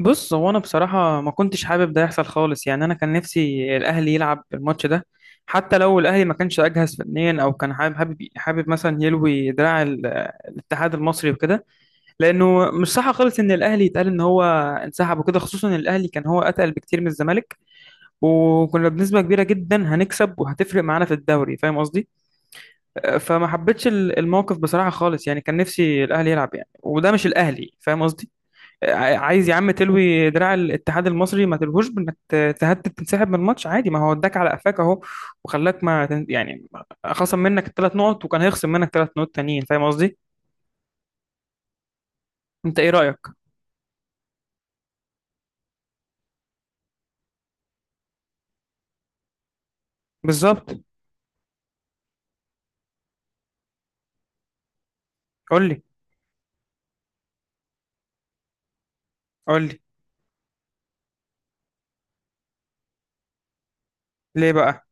بص، هو انا بصراحه ما كنتش حابب ده يحصل خالص، يعني انا كان نفسي الاهلي يلعب الماتش ده. حتى لو الاهلي ما كانش اجهز فنيا، او كان حابب مثلا يلوي دراع الاتحاد المصري وكده، لانه مش صح خالص ان الاهلي يتقال ان هو انسحب وكده، خصوصا ان الاهلي كان هو اتقل بكتير من الزمالك، وكنا بنسبه كبيره جدا هنكسب، وهتفرق معانا في الدوري، فاهم قصدي؟ فما حبيتش الموقف بصراحه خالص، يعني كان نفسي الاهلي يلعب، يعني وده مش الاهلي، فاهم قصدي؟ عايز يا عم تلوي دراع الاتحاد المصري، ما تلوهوش بانك تهدد تنسحب من الماتش عادي، ما هو اداك على قفاك اهو، وخلاك ما تن- يعني خصم منك الثلاث نقط، وكان هيخصم منك 3 نقط تانيين، فاهم قصدي؟ انت ايه رايك؟ بالظبط. قول لي، قول لي. ليه بقى؟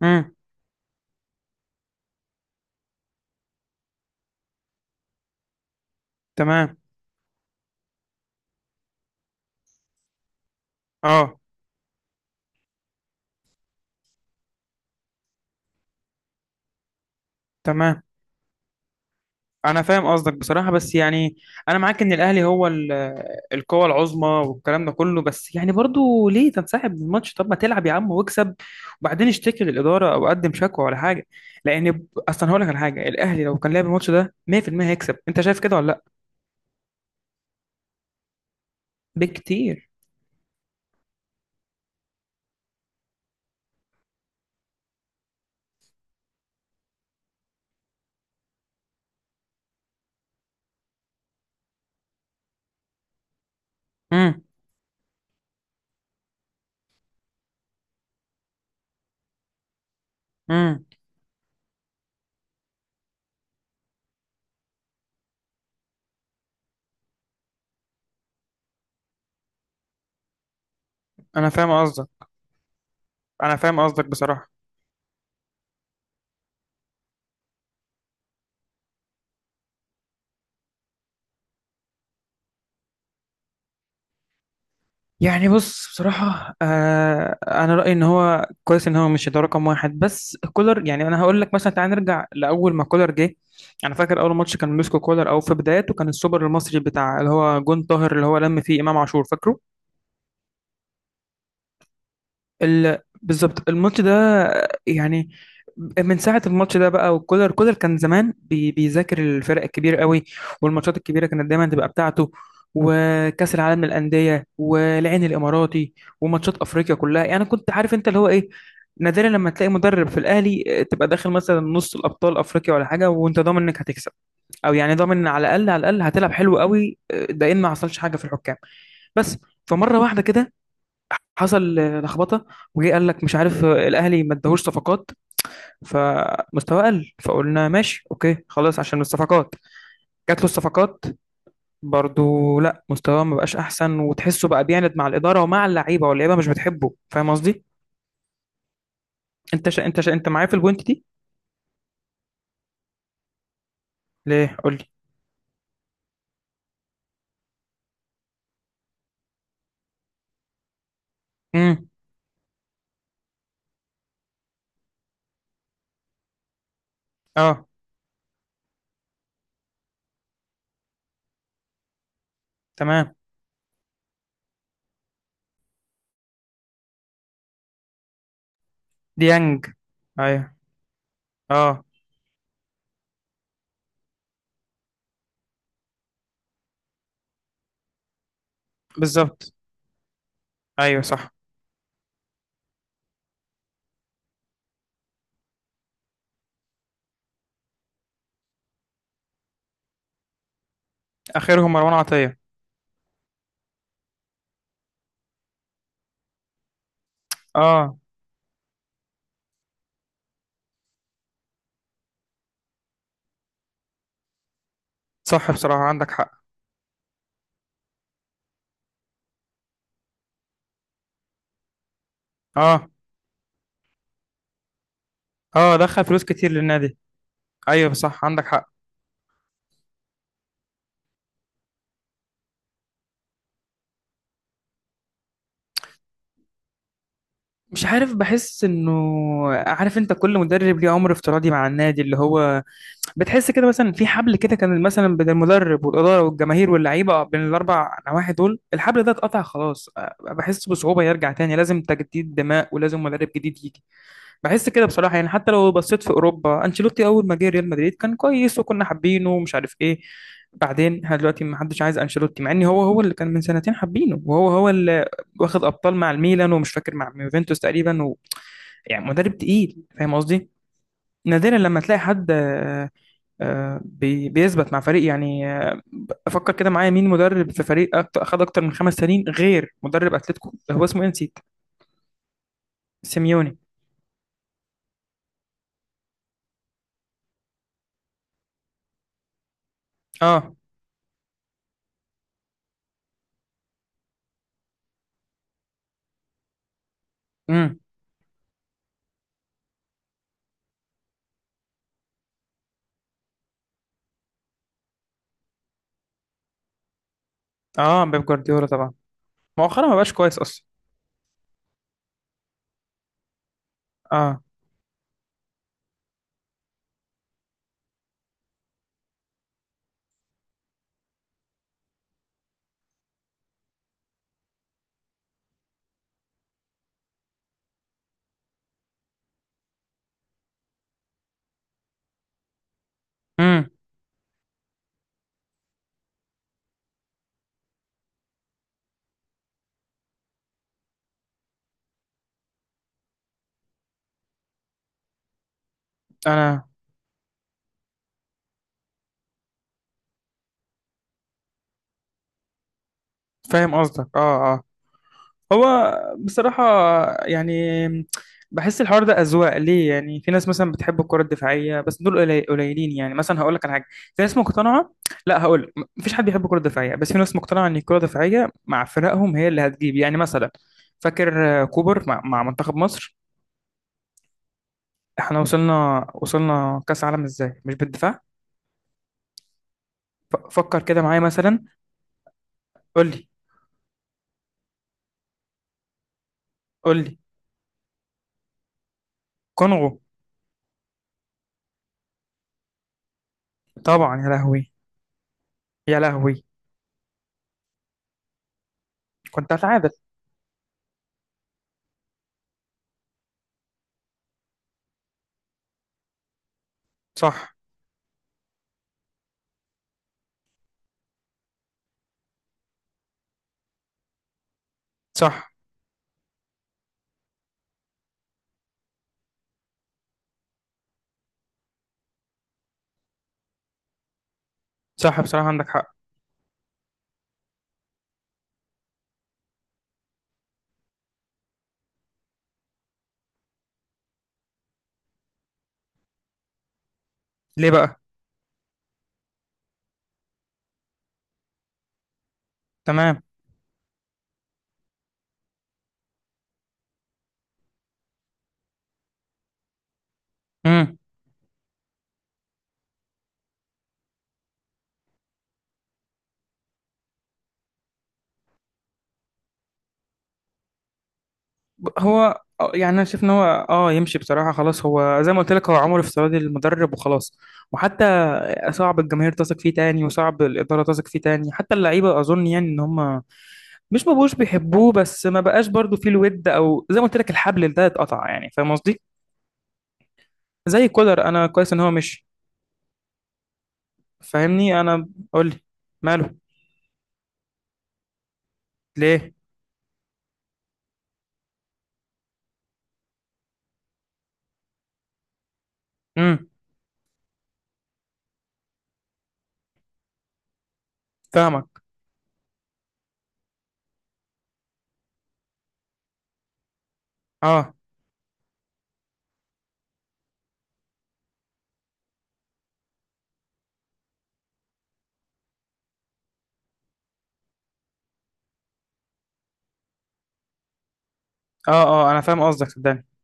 امم. تمام. اه، تمام. انا فاهم قصدك بصراحه، بس يعني انا معاك ان الاهلي هو القوه العظمى والكلام ده كله، بس يعني برضو ليه تنسحب من الماتش؟ طب ما تلعب يا عم واكسب، وبعدين اشتكي للاداره او قدم شكوى ولا حاجه. لان اصلا هقول لك على حاجه، الاهلي لو كان لعب الماتش ده 100% هيكسب، انت شايف كده ولا لا؟ بكتير. امم، امم. انا فاهم قصدك. انا فاهم قصدك بصراحه، يعني بص، بصراحة أنا رأيي إن هو كويس إن هو مش ده رقم واحد، بس كولر يعني أنا هقول لك مثلا، تعال نرجع لأول ما كولر جه. أنا فاكر أول ماتش كان مسكو كولر أو في بداياته كان السوبر المصري بتاع اللي هو جون طاهر، اللي هو لم فيه إمام عاشور، فاكره؟ بالظبط الماتش ده، يعني من ساعة الماتش ده بقى، وكولر كان زمان بيذاكر الفرق الكبيرة قوي، والماتشات الكبيرة كانت دايما تبقى بتاعته، وكأس العالم للأندية والعين الإماراتي، وماتشات أفريقيا كلها، يعني كنت عارف أنت اللي هو إيه. نادرا لما تلاقي مدرب في الأهلي تبقى داخل مثلا نص الأبطال أفريقيا ولا حاجة وأنت ضامن إنك هتكسب، أو يعني ضامن على الأقل، على الأقل هتلعب حلو قوي، ده إن ما حصلش حاجة في الحكام. بس فمرة واحدة كده حصل لخبطه، وجي قال لك مش عارف، الاهلي ما اداهوش صفقات، فمستواه قل، فقلنا ماشي، اوكي، خلاص عشان الصفقات. جات له الصفقات، برضو لا، مستواه ما بقاش احسن، وتحسه بقى بيعند مع الاداره ومع اللعيبه، واللعيبه مش بتحبه، فاهم قصدي؟ انت معايا في البوينت دي؟ ليه؟ قول لي. امم. اه، تمام. ديانج. ايوه. اه. بالظبط. ايوه، صح. اخرهم مروان عطيه. اه، صح، بصراحه عندك حق. اه، اه، دخل فلوس كتير للنادي. ايوه صح، عندك حق. مش عارف، بحس انه، عارف انت كل مدرب ليه عمر افتراضي مع النادي اللي هو، بتحس كده مثلا في حبل كده كان مثلا بين المدرب والاداره والجماهير واللعيبه، بين الاربع نواحي دول، الحبل ده اتقطع خلاص. بحس بصعوبه يرجع تاني، لازم تجديد دماء ولازم مدرب جديد يجي. بحس كده بصراحه، يعني حتى لو بصيت في اوروبا، انشيلوتي اول ما جه ريال مدريد كان كويس، وكنا حابينه، ومش عارف ايه. بعدين احنا دلوقتي ما حدش عايز انشيلوتي، مع ان هو هو اللي كان من سنتين حابينه، وهو هو اللي واخد ابطال مع الميلان، ومش فاكر مع يوفنتوس تقريبا، يعني مدرب تقيل، فاهم قصدي؟ نادرا لما تلاقي حد بيثبت مع فريق، يعني، افكر كده معايا، مين مدرب في فريق اخد اكتر من 5 سنين غير مدرب اتلتيكو، هو اسمه ايه، نسيت. سيميوني. اه. امم. اه، بيب جوارديولا طبعا. مؤخرا ما بقاش كويس اصلا. اه. امم. انا فاهم قصدك. اه، اه. هو بصراحة، يعني بحس الحوار ده أذواق، ليه؟ يعني في ناس مثلا بتحب الكرة الدفاعية، بس دول قليلين، يعني مثلا هقول لك على حاجة، في ناس مقتنعة، لا، هقول لك مفيش حد بيحب الكرة الدفاعية، بس في ناس مقتنعة إن الكرة الدفاعية مع فرقهم هي اللي هتجيب، يعني مثلا فاكر كوبر مع منتخب مصر. احنا وصلنا كأس عالم ازاي؟ مش بالدفاع. فكر كده معايا مثلا. قول لي. قول لي. كونغو. طبعا، يا لهوي. يا لهوي. كنت هتعادل. صح. صح. صح بصراحة، عندك حق. ليه بقى؟ تمام. امم. هو يعني انا شايف ان هو، اه يمشي بصراحه، خلاص هو زي ما قلت لك، هو عمر افتراضي للمدرب وخلاص. وحتى صعب الجماهير تثق فيه تاني، وصعب الاداره تثق فيه تاني، حتى اللعيبه، اظن يعني ان هم مش ما بقوش بيحبوه، بس ما بقاش برضو فيه الود، او زي ما قلت لك الحبل ده اتقطع، يعني فاهم قصدي؟ زي كولر انا كويس ان هو مشي. فاهمني انا؟ قول لي. ماله؟ ليه؟ امم. فاهمك. اه، اه، اه، انا فاهم قصدك صدقني.